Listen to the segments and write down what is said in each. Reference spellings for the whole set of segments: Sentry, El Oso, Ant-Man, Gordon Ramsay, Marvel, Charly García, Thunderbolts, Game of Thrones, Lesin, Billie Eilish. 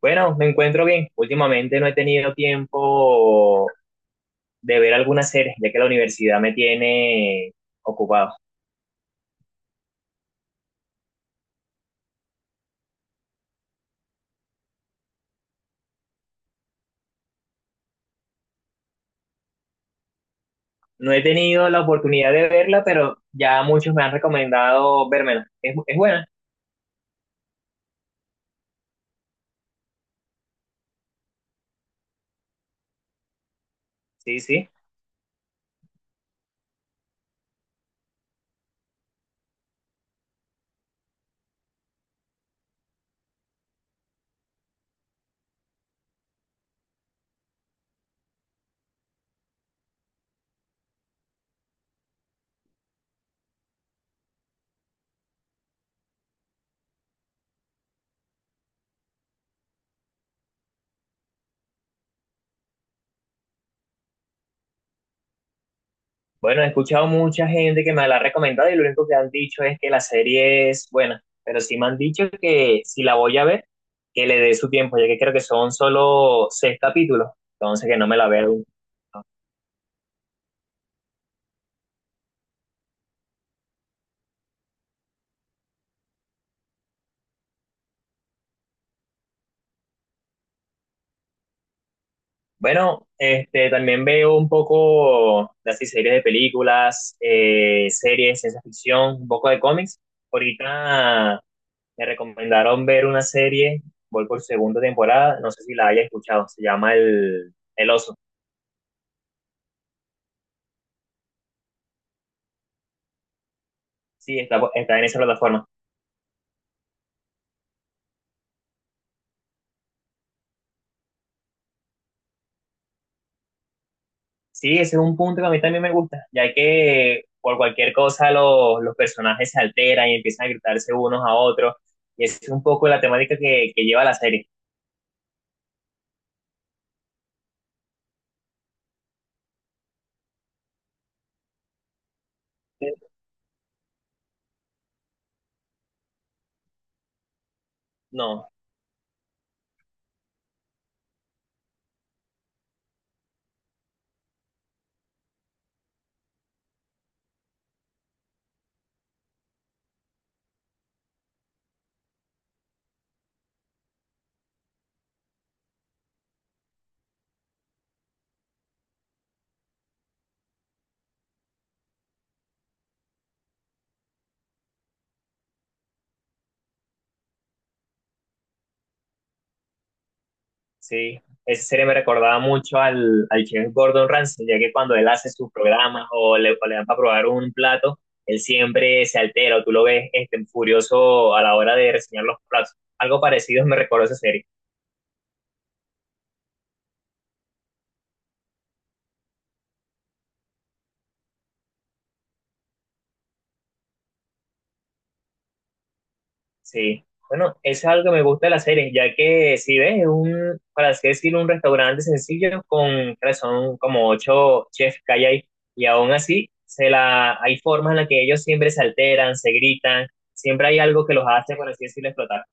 Bueno, me encuentro bien. Últimamente no he tenido tiempo de ver algunas series, ya que la universidad me tiene ocupado. No he tenido la oportunidad de verla, pero ya muchos me han recomendado vérmela. Es buena, sí, sí. Bueno, he escuchado mucha gente que me la ha recomendado y lo único que han dicho es que la serie es buena, pero sí me han dicho que si la voy a ver, que le dé su tiempo, ya que creo que son solo 6 capítulos, entonces que no me la vea Bueno, este, también veo un poco de así series de películas, series, ciencia ficción, un poco de cómics. Ahorita me recomendaron ver una serie, voy por segunda temporada, no sé si la haya escuchado, se llama el Oso. Sí, está en esa plataforma. Sí, ese es un punto que a mí también me gusta, ya que por cualquier cosa los personajes se alteran y empiezan a gritarse unos a otros, y esa es un poco la temática que lleva la serie. No, sí, esa serie me recordaba mucho al chef Gordon Ramsay, ya que cuando él hace sus programas o le dan para probar un plato, él siempre se altera o tú lo ves este, furioso a la hora de reseñar los platos. Algo parecido me recordó esa serie. Sí, bueno, eso es algo que me gusta de la serie, ya que si ves, es un, para así decirlo, un restaurante sencillo con, creo que son como 8 chefs que hay ahí, y aún así se la, hay formas en las que ellos siempre se alteran, se gritan, siempre hay algo que los hace, por así decirlo, explotar.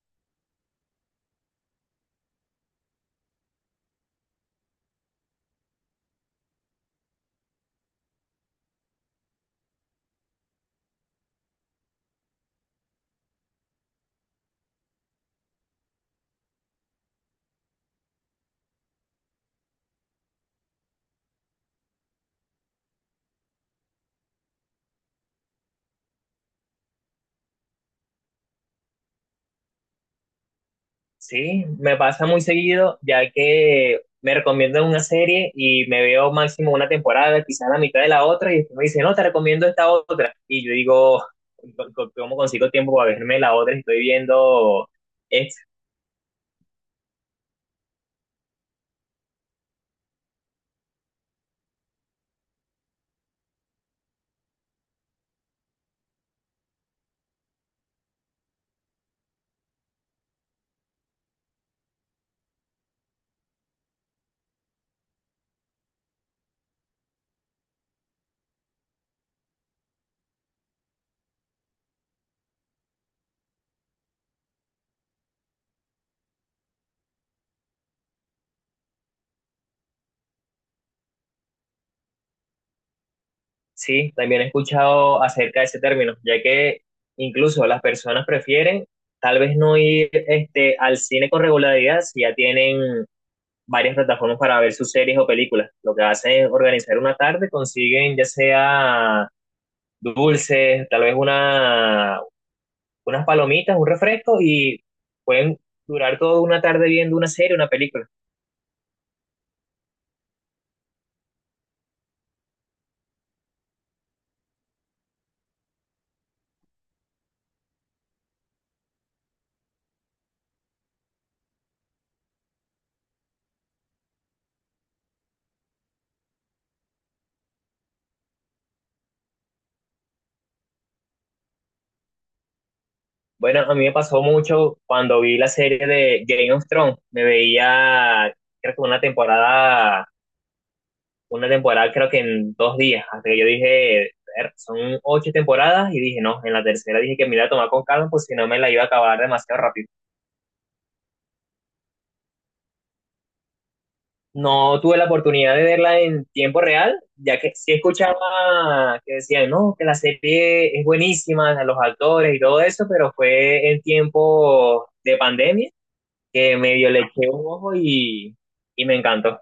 Sí, me pasa muy seguido, ya que me recomiendan una serie y me veo máximo una temporada, quizás la mitad de la otra, y después me dicen, no, te recomiendo esta otra. Y yo digo, "Co- ¿cómo consigo tiempo para verme la otra si estoy viendo esta? Sí, también he escuchado acerca de ese término, ya que incluso las personas prefieren tal vez no ir este, al cine con regularidad si ya tienen varias plataformas para ver sus series o películas. Lo que hacen es organizar una tarde, consiguen ya sea dulces, tal vez una, unas palomitas, un refresco y pueden durar toda una tarde viendo una serie, una película. Bueno, a mí me pasó mucho cuando vi la serie de Game of Thrones. Me veía, creo que una temporada creo que en 2 días. Hasta que yo dije, "Ver, son 8 temporadas y dije, no, en la tercera dije que me iba a tomar con calma, pues si no me la iba a acabar demasiado rápido. No tuve la oportunidad de verla en tiempo real, ya que sí escuchaba que decían, no, que la serie es buenísima, a los actores y todo eso, pero fue en tiempo de pandemia que medio le eché un ojo y me encantó.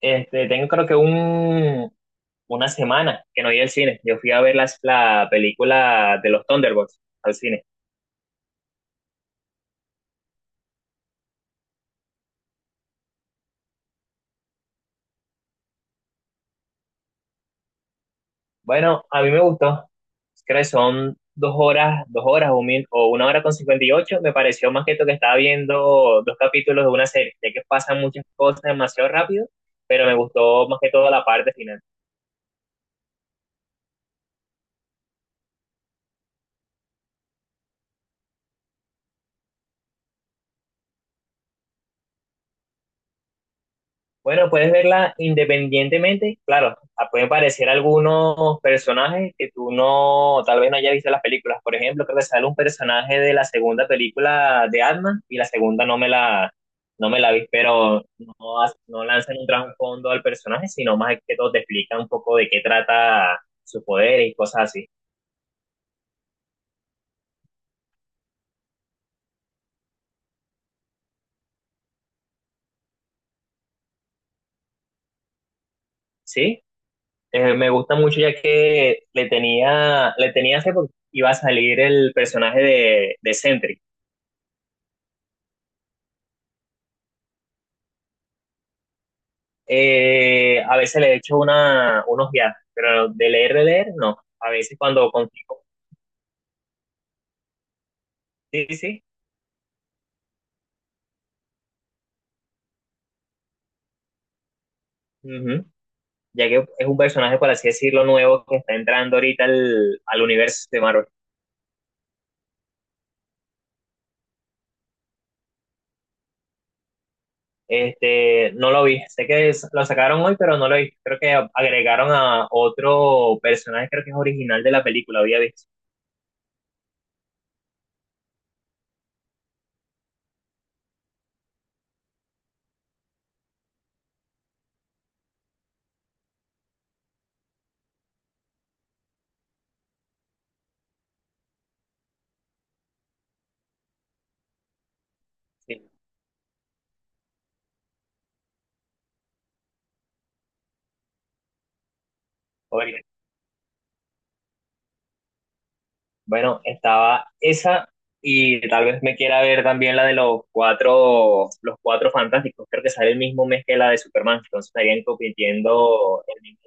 Este, tengo creo que un, una semana que no iba al cine. Yo fui a ver la película de los Thunderbolts al cine. Bueno, a mí me gustó. Creo que son dos horas o, o 1 hora con 58. Me pareció más que todo que estaba viendo dos capítulos de una serie, ya que pasan muchas cosas demasiado rápido, pero me gustó más que todo la parte final. Bueno, puedes verla independientemente. Claro, ah, pueden aparecer algunos personajes que tú no, tal vez no hayas visto en las películas. Por ejemplo, creo que sale un personaje de la segunda película de Ant-Man y la segunda no me la vi, pero no, no lanzan un trasfondo al personaje, sino más que todo te explican un poco de qué trata su poder y cosas así. Sí, me gusta mucho ya que le tenía hace poco, iba a salir el personaje de Sentry. A veces le echo una, unos viajes, pero de leer, no. A veces cuando consigo. Sí, sí, sí, ujú. Ya que es un personaje, por así decirlo, nuevo que está entrando ahorita al universo de Marvel. Este, no lo vi. Sé que lo sacaron hoy, pero no lo vi. Creo que agregaron a otro personaje, creo que es original de la película, había visto. Sí, bueno, estaba esa y tal vez me quiera ver también la de los cuatro fantásticos. Creo que sale el mismo mes que la de Superman, entonces estarían compitiendo el mismo.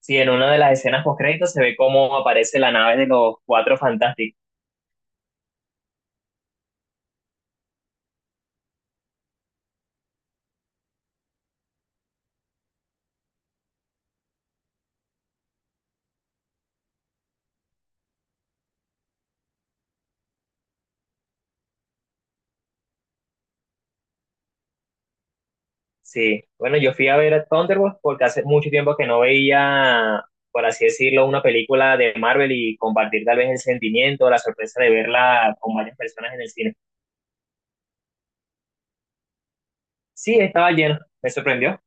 Sí, en una de las escenas post créditos se ve cómo aparece la nave de los cuatro fantásticos. Sí, bueno, yo fui a ver a Thunderbolts porque hace mucho tiempo que no veía, por así decirlo, una película de Marvel y compartir tal vez el sentimiento, la sorpresa de verla con varias personas en el cine. Sí, estaba lleno, me sorprendió.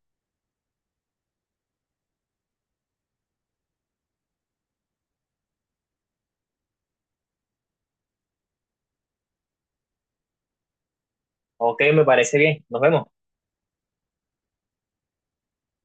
Ok, me parece bien, nos vemos.